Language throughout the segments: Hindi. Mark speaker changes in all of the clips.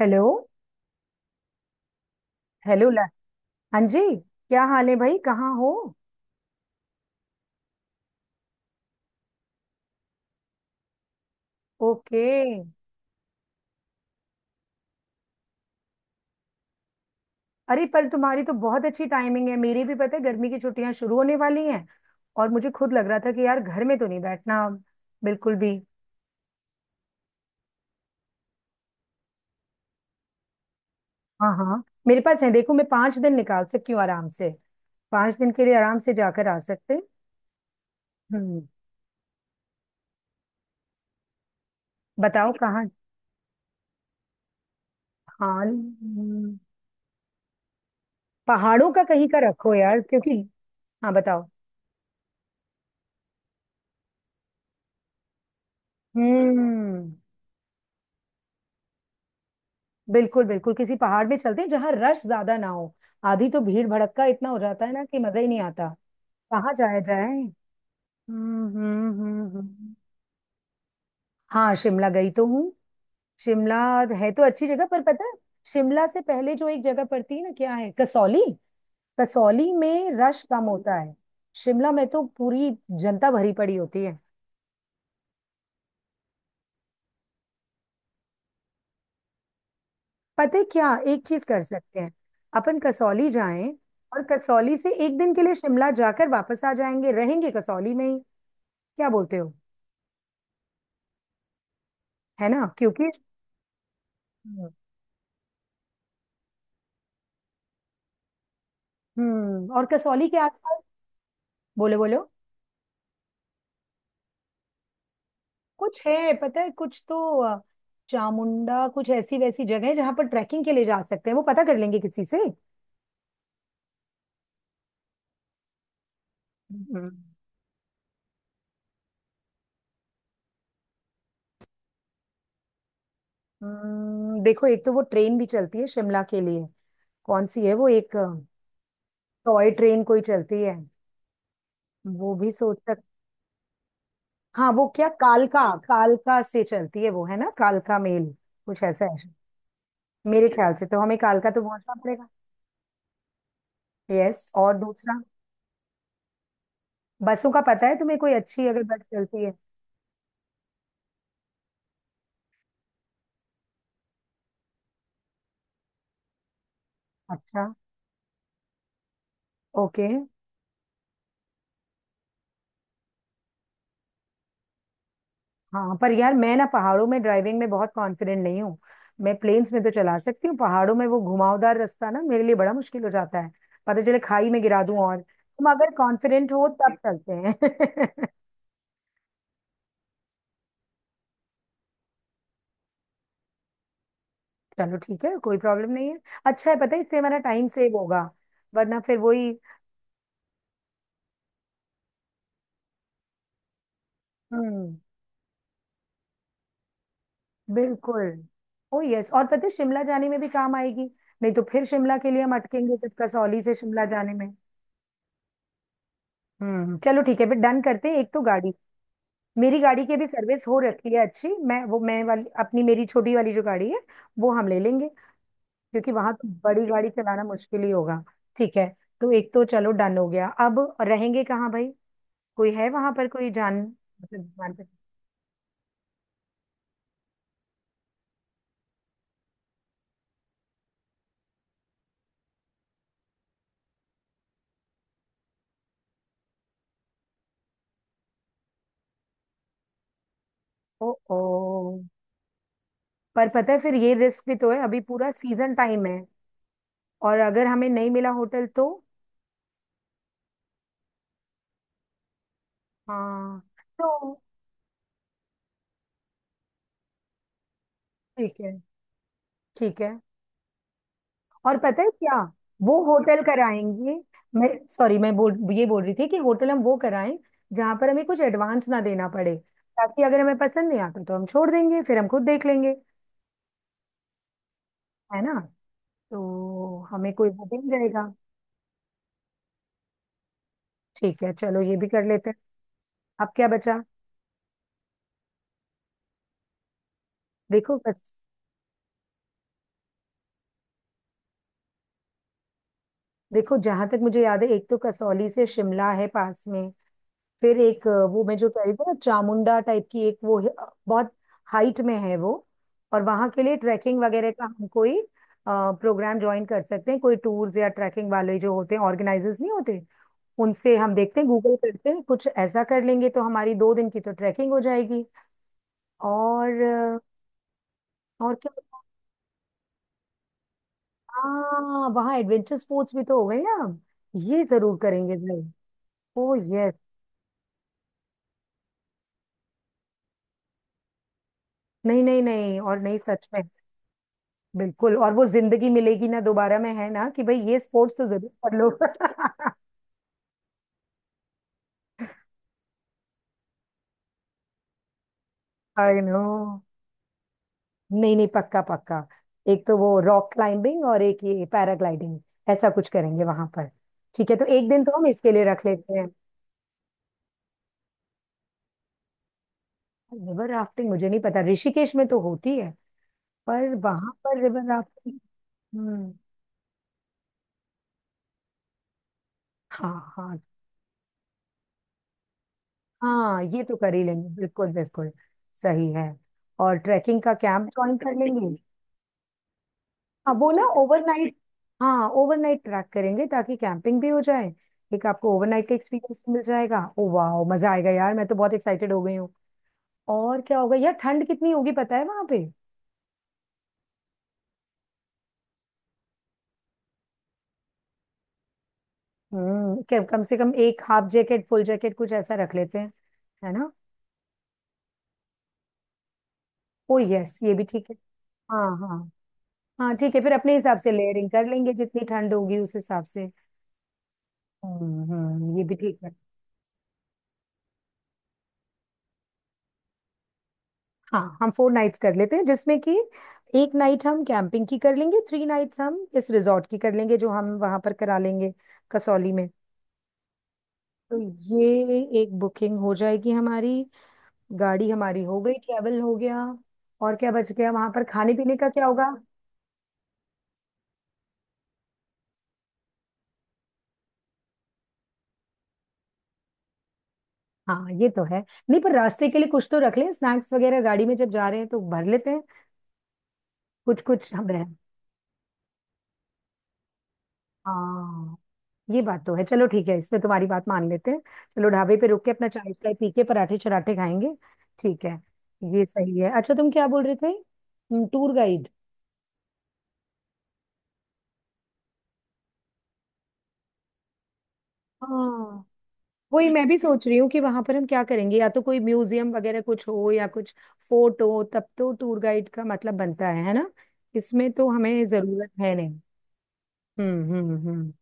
Speaker 1: हेलो। हेलो ला। हाँ जी, क्या हाल है भाई? कहाँ हो? ओके। अरे पर तुम्हारी तो बहुत अच्छी टाइमिंग है, मेरी भी पता है गर्मी की छुट्टियां शुरू होने वाली हैं। और मुझे खुद लग रहा था कि यार घर में तो नहीं बैठना अब, बिल्कुल भी। हाँ हाँ, मेरे पास है, देखो मैं 5 दिन निकाल सकती हूँ आराम से। पांच दिन के लिए आराम से जाकर आ सकते हैं। हम्म। बताओ कहाँ। हाँ पहाड़ों का कहीं का रखो यार, क्योंकि हाँ बताओ। हम्म, बिल्कुल बिल्कुल, किसी पहाड़ में चलते हैं जहां रश ज्यादा ना हो। आधी तो भीड़ भड़क का इतना हो जाता है ना कि मजा ही नहीं आता। कहाँ जाया जाए? हम्म हम्म हम्म हम्म। हाँ शिमला गई तो हूँ। शिमला है तो अच्छी जगह पर पता है। शिमला से पहले जो एक जगह पड़ती है ना, क्या है, कसौली। कसौली में रश कम होता है। शिमला में तो पूरी जनता भरी पड़ी होती है। पता है क्या एक चीज कर सकते हैं? अपन कसौली जाएं, और कसौली से एक दिन के लिए शिमला जाकर वापस आ जाएंगे, रहेंगे कसौली में ही। क्या बोलते हो? है ना, क्योंकि हम्म और कसौली के आसपास बोले बोलो कुछ है पता है, कुछ तो चामुंडा कुछ ऐसी वैसी जगह है जहां पर ट्रैकिंग के लिए जा सकते हैं, वो पता कर लेंगे किसी से। हम्म देखो एक तो वो ट्रेन भी चलती है शिमला के लिए। कौन सी है वो, एक टॉय ट्रेन कोई चलती है, वो भी सोच सक हाँ वो क्या, कालका। कालका से चलती है वो, है ना, कालका मेल कुछ ऐसा है। मेरे ख्याल से तो हमें कालका तो पहुंचना पड़ेगा। यस, और दूसरा, बसों का पता है तुम्हें? कोई अच्छी अगर बस चलती है। अच्छा, ओके। हाँ पर यार मैं ना पहाड़ों में ड्राइविंग में बहुत कॉन्फिडेंट नहीं हूँ। मैं प्लेन्स में तो चला सकती हूँ, पहाड़ों में वो घुमावदार रास्ता ना मेरे लिए बड़ा मुश्किल हो जाता है। पता चले खाई में गिरा दूं। और तुम अगर कॉन्फिडेंट हो तब चलते हैं। चलो ठीक है, कोई प्रॉब्लम नहीं है। अच्छा है, पता है इससे हमारा टाइम सेव होगा, वरना फिर वही हम्म। बिल्कुल। ओ यस, और पता है शिमला जाने में भी काम आएगी। नहीं तो फिर शिमला के लिए हम अटकेंगे जब कसौली से शिमला जाने में। हम्म, चलो ठीक है, फिर डन करते हैं। एक तो गाड़ी, मेरी गाड़ी की भी सर्विस हो रखी है अच्छी। मैं वो मैं वाली अपनी मेरी छोटी वाली जो गाड़ी है वो हम ले लेंगे, क्योंकि वहां तो बड़ी गाड़ी चलाना मुश्किल ही होगा। ठीक है, तो एक तो चलो डन हो गया। अब रहेंगे कहाँ भाई? कोई है वहां पर कोई जान, मतलब जान पे। ओ। ओ, पर पता है फिर ये रिस्क भी तो है, अभी पूरा सीजन टाइम है। और अगर हमें नहीं मिला होटल तो? हाँ तो ठीक है, ठीक है। और पता है क्या, वो होटल कराएंगे, मैं सॉरी मैं बोल ये बोल रही थी कि होटल हम वो कराएं जहां पर हमें कुछ एडवांस ना देना पड़े, ताकि अगर हमें पसंद नहीं आता तो हम छोड़ देंगे, फिर हम खुद देख लेंगे। है ना, तो हमें कोई वो भी नहीं रहेगा। ठीक है, चलो ये भी कर लेते हैं। अब क्या बचा? देखो बस, देखो जहां तक मुझे याद है एक तो कसौली से शिमला है पास में। फिर एक वो मैं जो कह रही थी ना, चामुंडा टाइप की एक वो है, बहुत हाइट में है वो। और वहां के लिए ट्रैकिंग वगैरह का हम कोई प्रोग्राम ज्वाइन कर सकते हैं, कोई टूर्स या ट्रैकिंग वाले जो होते हैं ऑर्गेनाइजर्स नहीं होते, उनसे हम देखते हैं, गूगल करते हैं, कुछ ऐसा कर लेंगे तो हमारी 2 दिन की तो ट्रैकिंग हो जाएगी। और और क्या होता है? हाँ वहाँ एडवेंचर स्पोर्ट्स भी तो हो गए ना, ये जरूर करेंगे भाई। ओ यस। नहीं नहीं नहीं, और नहीं सच में, बिल्कुल। और वो जिंदगी मिलेगी ना दोबारा में, है ना, कि भाई ये स्पोर्ट्स तो जरूर कर लो। आई नो, नहीं नहीं पक्का पक्का। एक तो वो रॉक क्लाइंबिंग और एक ये पैराग्लाइडिंग, ऐसा कुछ करेंगे वहां पर। ठीक है, तो एक दिन तो हम इसके लिए रख लेते हैं। रिवर राफ्टिंग मुझे नहीं पता, ऋषिकेश में तो होती है, पर वहां पर रिवर राफ्टिंग हम्म। हाँ हाँ हाँ, ये तो कर ही लेंगे बिल्कुल बिल्कुल। सही है। और ट्रैकिंग का कैंप ज्वाइन कर लेंगे। हाँ, वो ना ओवरनाइट, हाँ ओवरनाइट ट्रैक करेंगे ताकि कैंपिंग भी हो जाए। एक आपको ओवरनाइट का एक्सपीरियंस मिल जाएगा। ओ वाह, मजा आएगा यार, मैं तो बहुत एक्साइटेड हो गई हूँ। और क्या होगा यार, ठंड कितनी होगी पता है वहां पे? हम्म, कम से कम एक हाफ जैकेट, फुल जैकेट कुछ ऐसा रख लेते हैं, है ना। ओ यस, ये भी ठीक है। हाँ हाँ हाँ, ठीक है फिर अपने हिसाब से लेयरिंग कर लेंगे, जितनी ठंड होगी उस हिसाब से। हम्म, ये भी ठीक। हाँ हम 4 नाइट्स कर लेते हैं, जिसमें कि एक नाइट हम कैंपिंग की कर लेंगे, 3 नाइट्स हम इस रिजॉर्ट की कर लेंगे जो हम वहां पर करा लेंगे कसौली में। तो ये एक बुकिंग हो जाएगी हमारी। गाड़ी हमारी हो गई, ट्रैवल हो गया। और क्या बच गया? वहां पर खाने पीने का क्या होगा? हाँ ये तो है। नहीं पर रास्ते के लिए कुछ तो रख लें, स्नैक्स वगैरह गाड़ी में, जब जा रहे हैं तो भर लेते हैं कुछ कुछ हमें। हाँ ये बात तो है, चलो ठीक है इसमें तुम्हारी बात मान लेते हैं। चलो ढाबे पे रुक के अपना चाय चाय पी के पराठे चराठे खाएंगे। ठीक है, ये सही है। अच्छा तुम क्या बोल रहे थे? Tour guide. हाँ वही मैं भी सोच रही हूँ कि वहां पर हम क्या करेंगे। या तो कोई म्यूजियम वगैरह कुछ हो या कुछ फोर्ट हो, तब तो टूर गाइड का मतलब बनता है ना। इसमें तो हमें जरूरत है नहीं। हम्म।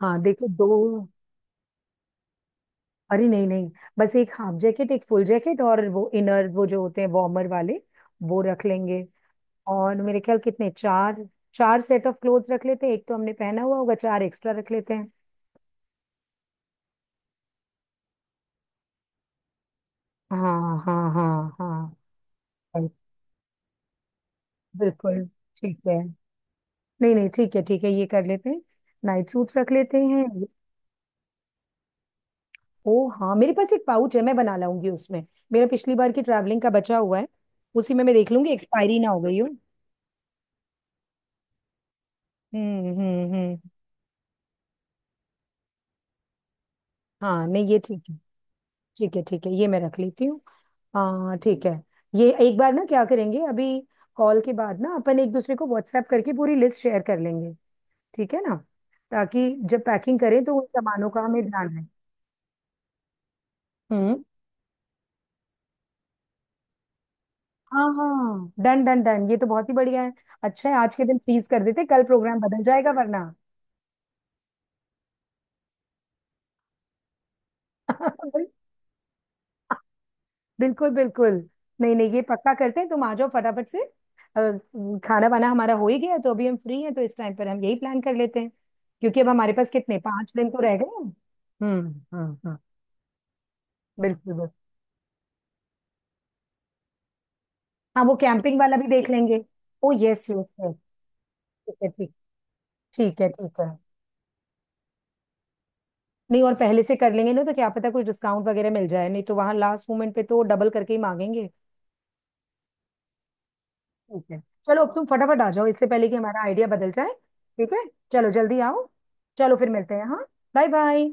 Speaker 1: हाँ देखो दो, अरे नहीं नहीं, बस एक हाफ जैकेट, एक फुल जैकेट, और वो इनर वो जो होते हैं वार्मर वाले, वो रख लेंगे। और मेरे ख्याल कितने चार, 4 सेट ऑफ क्लोथ रख लेते हैं। एक तो हमने पहना हुआ होगा, 4 एक्स्ट्रा रख लेते हैं। हाँ हाँ हाँ हाँ, right, बिल्कुल। ठीक है, नहीं नहीं ठीक है ठीक है ये कर लेते हैं। नाइट सूट्स रख लेते हैं। ओ हाँ, मेरे पास एक पाउच है, मैं बना लाऊंगी उसमें, मेरा पिछली बार की ट्रैवलिंग का बचा हुआ है। उसी में मैं देख लूंगी, एक्सपायरी ना हो गई हो। हम्म। हाँ नहीं ये ठीक है। ठीक है ठीक है, ये मैं रख लेती हूँ। हाँ ठीक है। ये एक बार ना क्या करेंगे, अभी कॉल के बाद ना अपन एक दूसरे को व्हाट्सएप करके पूरी लिस्ट शेयर कर लेंगे, ठीक है ना, ताकि जब पैकिंग करें तो उन सामानों का हमें ध्यान है। हम्म। हाँ हाँ, डन डन डन, ये तो बहुत ही बढ़िया है। अच्छा है, आज के दिन फ्रीज कर देते, कल प्रोग्राम बदल जाएगा वरना। बिल्कुल बिल्कुल। नहीं नहीं, ये पक्का करते हैं, तुम आ जाओ फटाफट से। अ, खाना वाना हमारा हो ही गया है, तो अभी हम फ्री हैं, तो इस टाइम पर हम यही प्लान कर लेते हैं, क्योंकि अब हमारे पास कितने, 5 दिन तो रह गए हैं। हम्म हम्म, बिल्कुल बिल्कुल। हाँ वो कैंपिंग वाला भी देख लेंगे। ओ यस यस यस। ठीक है ठीक, ठीक है ठीक है। नहीं, और पहले से कर लेंगे ना तो क्या पता कुछ डिस्काउंट वगैरह मिल जाए, नहीं तो वहां लास्ट मोमेंट पे तो डबल करके ही मांगेंगे। ठीक है, चलो अब तुम फटाफट आ जाओ इससे पहले कि हमारा आइडिया बदल जाए। ठीक है, चलो जल्दी आओ। चलो फिर मिलते हैं, हाँ। Bye bye.